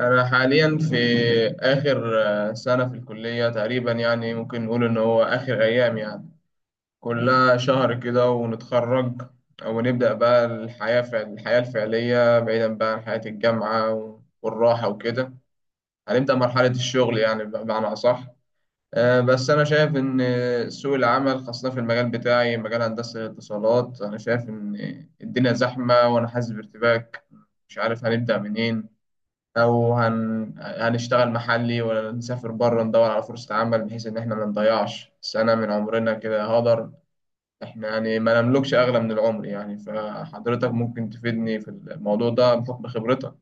أنا حاليا في آخر سنة في الكلية تقريبا، يعني ممكن نقول إن هو آخر أيام. يعني كلها شهر كده ونتخرج، ونبدأ بقى الحياة الحياة الفعلية بعيدا بقى عن حياة الجامعة والراحة وكده. هنبدأ مرحلة الشغل يعني بمعنى أصح. بس أنا شايف إن سوق العمل خاصة في المجال بتاعي، مجال هندسة الاتصالات، أنا شايف إن الدنيا زحمة وأنا حاسس بارتباك. مش عارف هنبدأ منين، او هنشتغل محلي ولا نسافر بره ندور على فرصة عمل، بحيث ان احنا ما نضيعش سنة من عمرنا كده هدر. احنا يعني ما نملكش اغلى من العمر، يعني فحضرتك ممكن تفيدني في الموضوع ده بحكم خبرتك.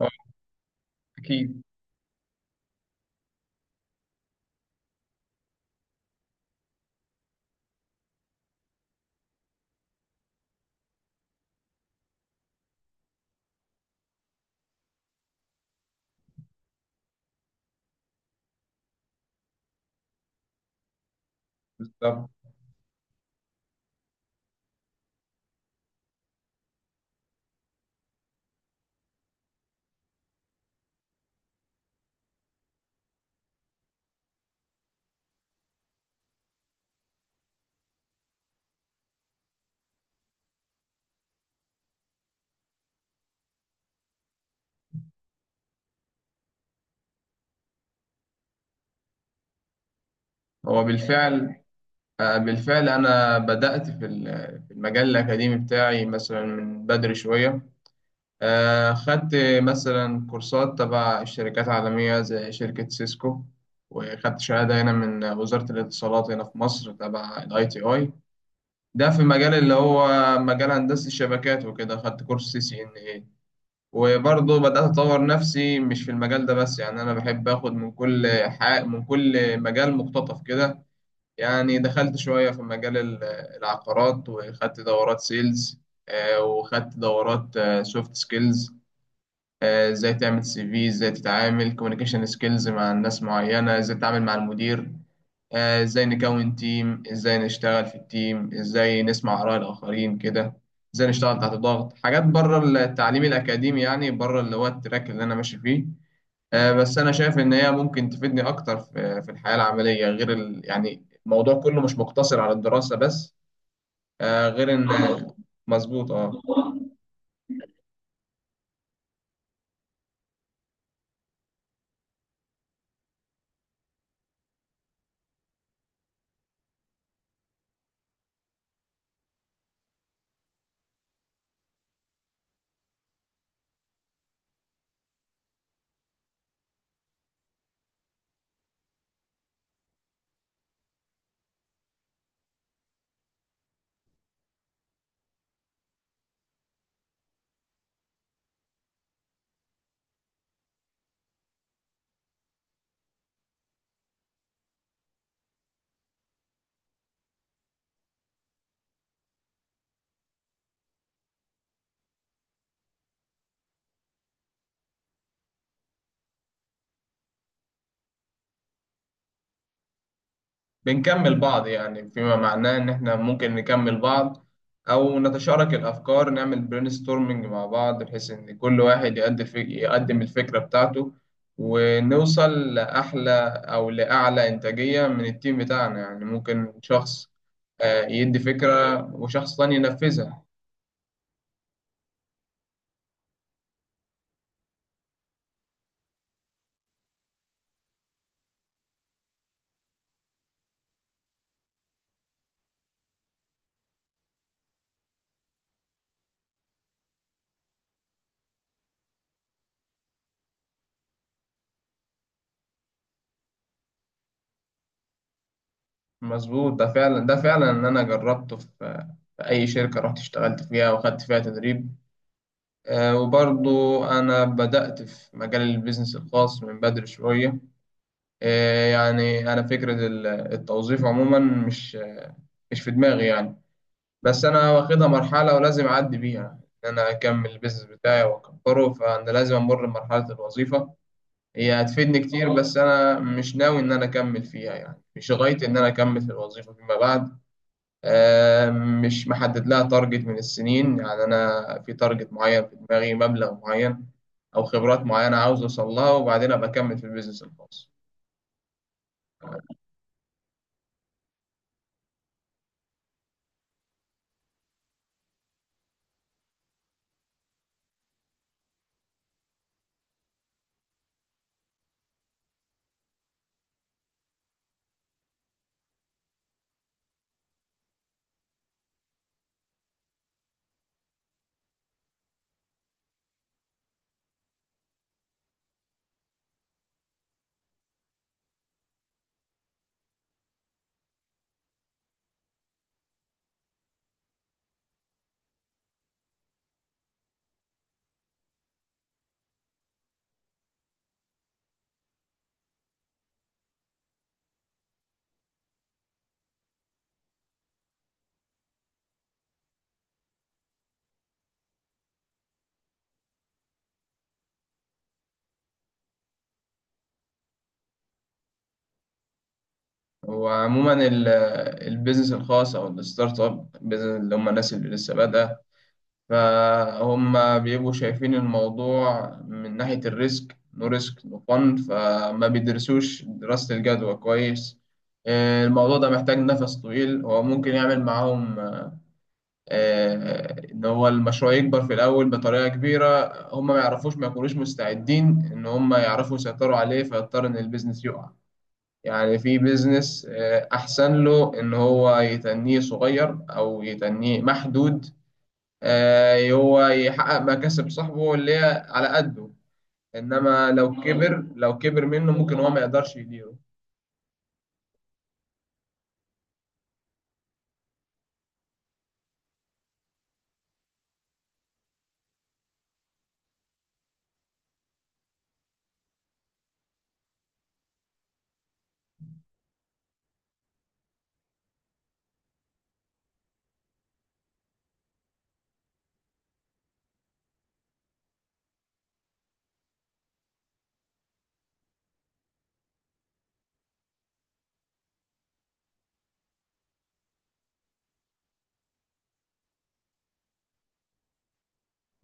آه، اكيد. بالظبط. هو بالفعل. آه، بالفعل انا بدأت في في المجال الاكاديمي بتاعي مثلا من بدري شوية. خدت مثلا كورسات تبع شركات عالمية زي شركة سيسكو، وخدت شهادة هنا من وزارة الاتصالات هنا في مصر تبع الاي تي اي، ده في مجال اللي هو مجال هندسة الشبكات وكده. خدت كورس سي سي ان اي، وبرضه بدأت أطور نفسي مش في المجال ده بس، يعني أنا بحب آخد من كل حق من كل مجال مقتطف كده. يعني دخلت شوية في مجال العقارات، وخدت دورات سيلز، وخدت دورات سوفت سكيلز. ازاي تعمل سي في، ازاي تتعامل كوميونيكيشن سكيلز مع الناس معينة، ازاي تتعامل مع المدير، ازاي نكون تيم، ازاي نشتغل في التيم، ازاي نسمع آراء الآخرين كده، ازاي نشتغل تحت ضغط. حاجات بره التعليم الأكاديمي يعني، بره اللي هو التراك اللي أنا ماشي فيه. بس أنا شايف إن هي ممكن تفيدني أكتر في الحياة العملية، غير يعني الموضوع كله مش مقتصر على الدراسة بس. آه، غير إن مظبوط، اه. بنكمل بعض، يعني فيما معناه إن إحنا ممكن نكمل بعض، أو نتشارك الأفكار، نعمل برين ستورمنج مع بعض بحيث إن كل واحد يقدم الفكرة بتاعته، ونوصل لأحلى أو لأعلى إنتاجية من التيم بتاعنا. يعني ممكن شخص يدي فكرة وشخص تاني ينفذها. مظبوط. ده فعلا إن أنا جربته في في أي شركة رحت اشتغلت فيها وخدت فيها تدريب. وبرضو أنا بدأت في مجال البيزنس الخاص من بدري شوية. يعني أنا فكرة التوظيف عموما مش في دماغي، يعني بس أنا واخدها مرحلة ولازم أعدي بيها، إن أنا أكمل البيزنس بتاعي وأكبره. فأنا لازم أمر بمرحلة الوظيفة، هي هتفيدني كتير، بس أنا مش ناوي إن أنا أكمل فيها. يعني مش غايتي إن أنا أكمل في الوظيفة فيما بعد. مش محدد لها تارجت من السنين، يعني أنا في تارجت معين في دماغي، مبلغ معين أو خبرات معينة عاوز أوصل لها، وبعدين أبقى أكمل في البيزنس الخاص. وعموما البيزنس الخاص أو الستارت أب بيزنس، اللي هم الناس اللي لسه بادئة، فهم بيبقوا شايفين الموضوع من ناحية الريسك. نو ريسك نو فن، فما بيدرسوش دراسة الجدوى كويس. الموضوع ده محتاج نفس طويل. هو ممكن يعمل معاهم ان هو المشروع يكبر في الاول بطريقه كبيره، هم ما يعرفوش، ما يكونوش مستعدين ان هم يعرفوا يسيطروا عليه، فيضطر ان البيزنس يقع. يعني في بيزنس احسن له ان هو يتنيه صغير او يتنيه محدود، هو يحقق مكاسب صاحبه اللي هي على قده، انما لو كبر، لو كبر منه، ممكن هو ما يقدرش يديره.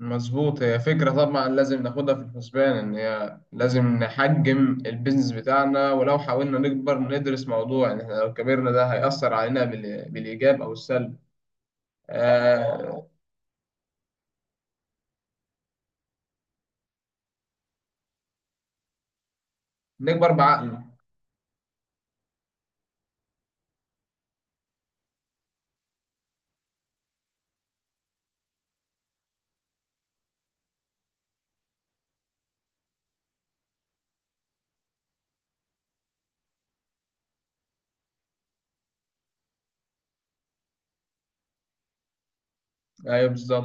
مظبوط. هي فكرة طبعا لازم ناخدها في الحسبان، إن هي لازم نحجم البيزنس بتاعنا، ولو حاولنا نكبر ندرس موضوع إن إحنا لو كبرنا ده هيأثر علينا بالإيجاب أو السلب. آه. نكبر بعقل. أيوه بالظبط.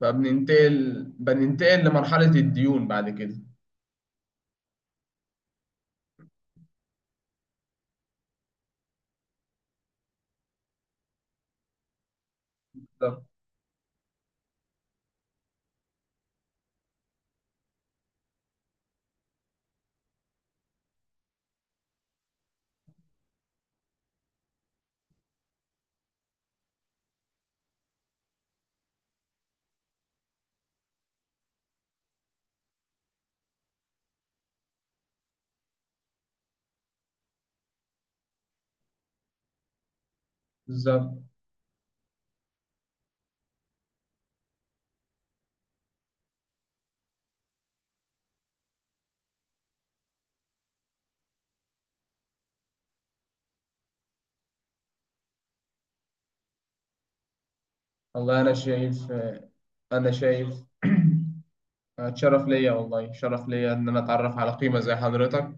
فبننتقل لمرحلة الديون بعد كده. بالظبط. بالظبط. والله أنا شايف، أنا شايف شرف ليا، والله شرف ليا إن أنا أتعرف على قيمة زي حضرتك.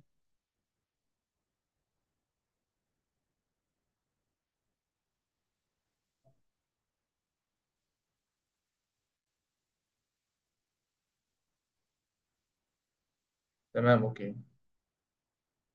تمام، أوكي.